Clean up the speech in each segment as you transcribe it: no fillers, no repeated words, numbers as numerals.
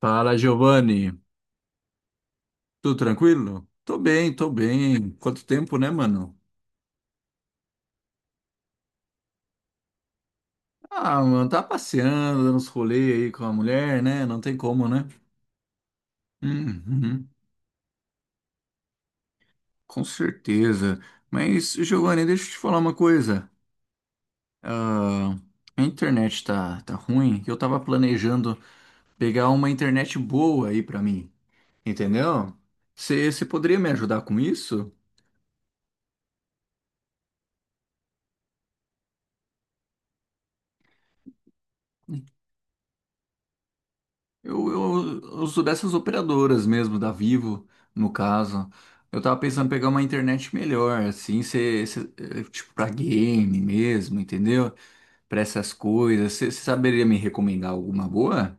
Fala, Giovanni. Tudo tranquilo? Tô bem, tô bem. Quanto tempo, né, mano? Ah, mano, tá passeando, dando uns rolês aí com a mulher, né? Não tem como, né? Uhum, com certeza. Mas, Giovanni, deixa eu te falar uma coisa. Ah, a internet tá ruim. Eu tava planejando pegar uma internet boa aí pra mim, entendeu? Você poderia me ajudar com isso? Eu sou dessas operadoras mesmo, da Vivo, no caso. Eu tava pensando em pegar uma internet melhor, assim, tipo, pra game mesmo, entendeu? Pra essas coisas. Você saberia me recomendar alguma boa?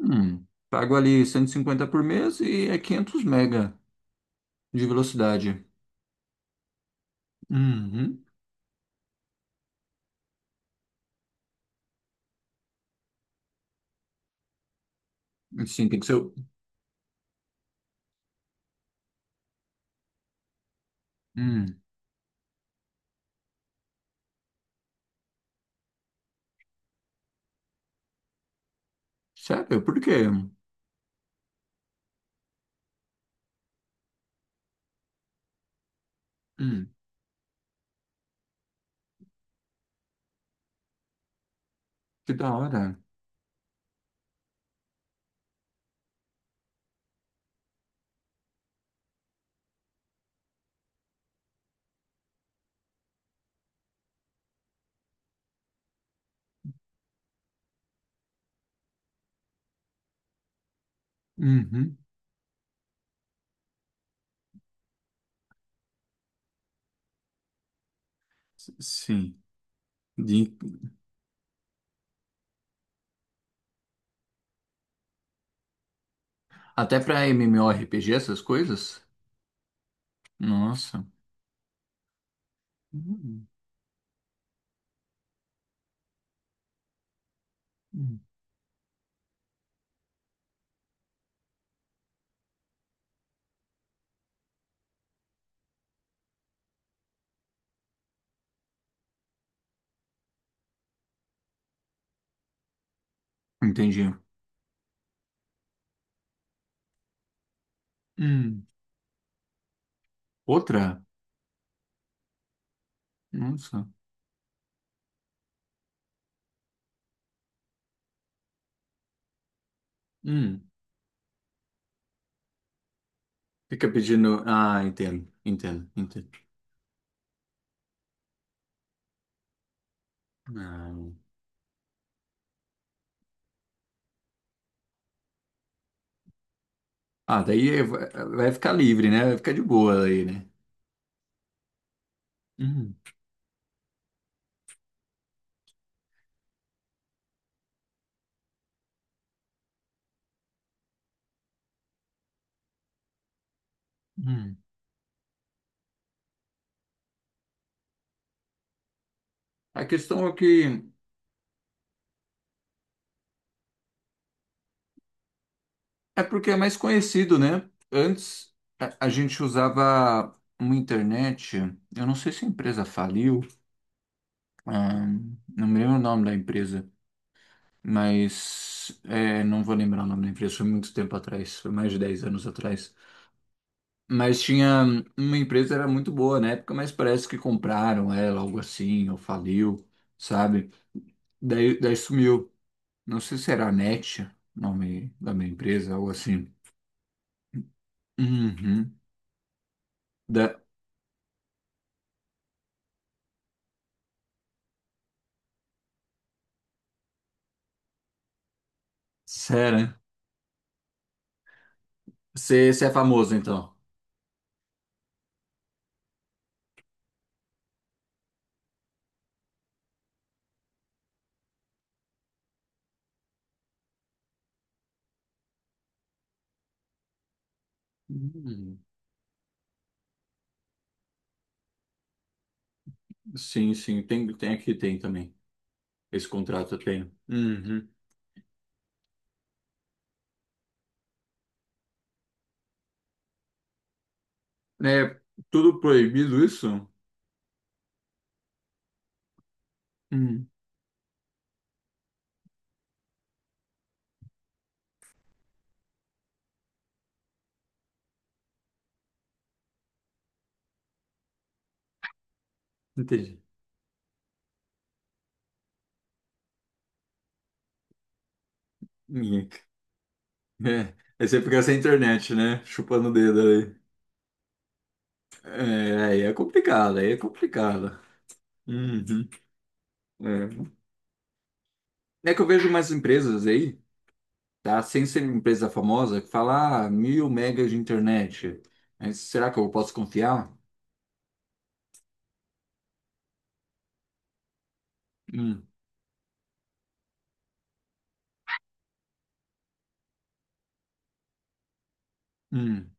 Pago ali 150 por mês e é 500 mega de velocidade. Uhum. Sim, tem que ser. Hum, Sério? Por quê? Hum, que da hora. Uhum. Sim. Até pra MMORPG, essas coisas? Nossa. Hum, hum. Entendi. Hum. Outra? Nossa. Hum. Fica pedindo. Ah, entendo, entendo, entendo. Ah, Ah, daí é, vai ficar livre, né? Vai ficar de boa aí, né? Hum, hum. A questão é que é porque é mais conhecido, né? Antes a gente usava uma internet, eu não sei se a empresa faliu, ah, não me lembro o nome da empresa, mas é, não vou lembrar o nome da empresa, foi muito tempo atrás, foi mais de 10 anos atrás. Mas tinha uma empresa era muito boa na época, mas parece que compraram ela, algo assim, ou faliu, sabe? Daí sumiu. Não sei se era a Net, nome da minha empresa, algo assim. Uhum. Da... Sério? Né? Você é famoso, então? Hum, Sim, sim, tem aqui, tem também. Esse contrato eu tenho. Uhum. É tudo proibido isso? Hum, entendi. Ninguém- É, aí você fica sem internet, né? Chupando o dedo ali. É, aí é complicado, aí é complicado. Uhum. É. É que eu vejo mais empresas aí, tá? Sem ser empresa famosa, que fala ah, 1000 megas de internet. Mas será que eu posso confiar? Hum, hum.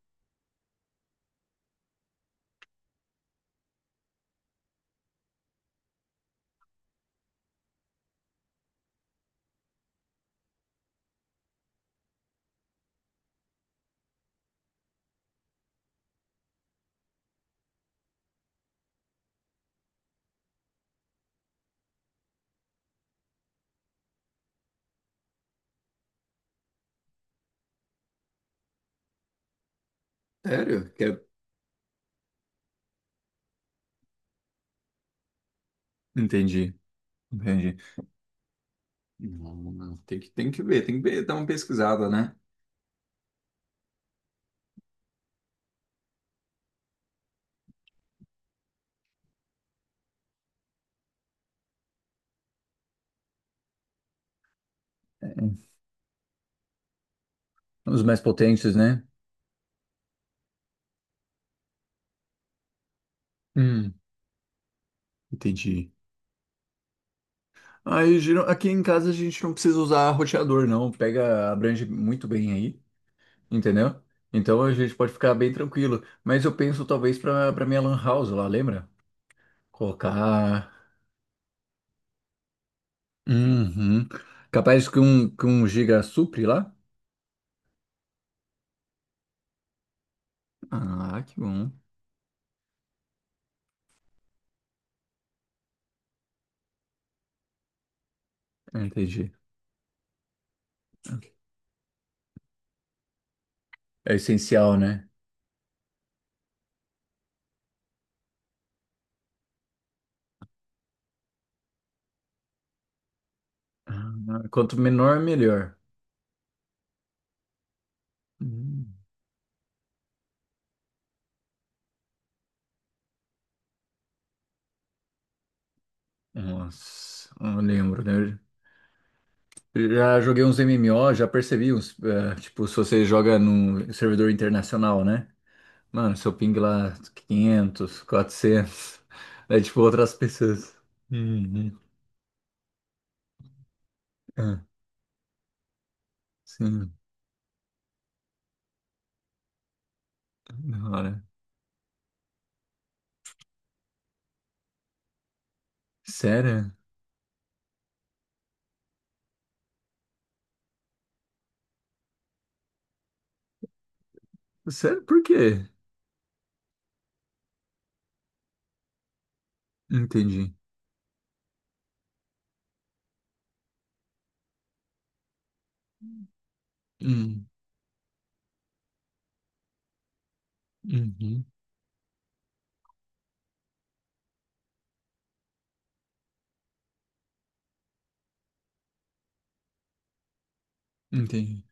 Sério? Entendi, entendi. Não, não, tem que ver, dar uma pesquisada, né? É, os mais potentes, né? Hum, entendi. Aí, aqui em casa a gente não precisa usar roteador, não. Pega, abrange muito bem aí, entendeu? Então a gente pode ficar bem tranquilo. Mas eu penso talvez pra minha lan house lá, lembra? Colocar. Uhum. Capaz que um giga supre lá? Ah, que bom. Entendi. É essencial, né? Ah, quanto menor, melhor. Hum. Nossa, eu lembro, né? Já joguei uns MMO, já percebi uns, tipo, se você joga num servidor internacional, né? Mano, seu ping lá 500, 400, é tipo outras pessoas. Uhum. Ah, sim, da hora. Sério? Sério, por quê? Entendi. Hum, uhum, entendi.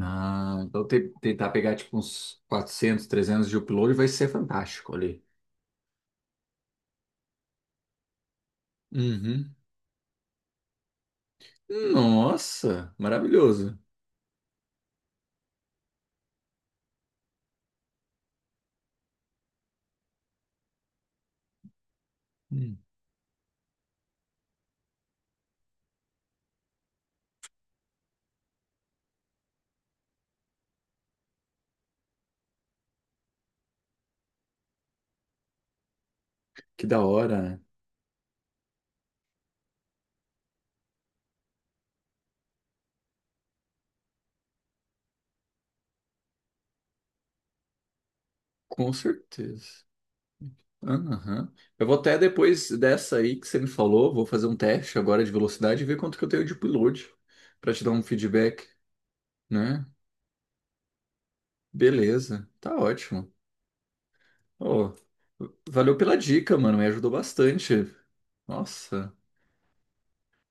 Ah, então tentar pegar tipo uns 400, 300 de upload vai ser fantástico ali. Uhum. Nossa, maravilhoso. Hum, que da hora. Né? Com certeza. Aham. Eu vou até depois dessa aí que você me falou, vou fazer um teste agora de velocidade e ver quanto que eu tenho de upload para te dar um feedback, né? Beleza, tá ótimo. Ô, valeu pela dica, mano, me ajudou bastante. Nossa,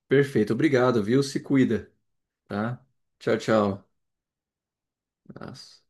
perfeito, obrigado, viu? Se cuida, tá? Tchau, tchau. Abraço.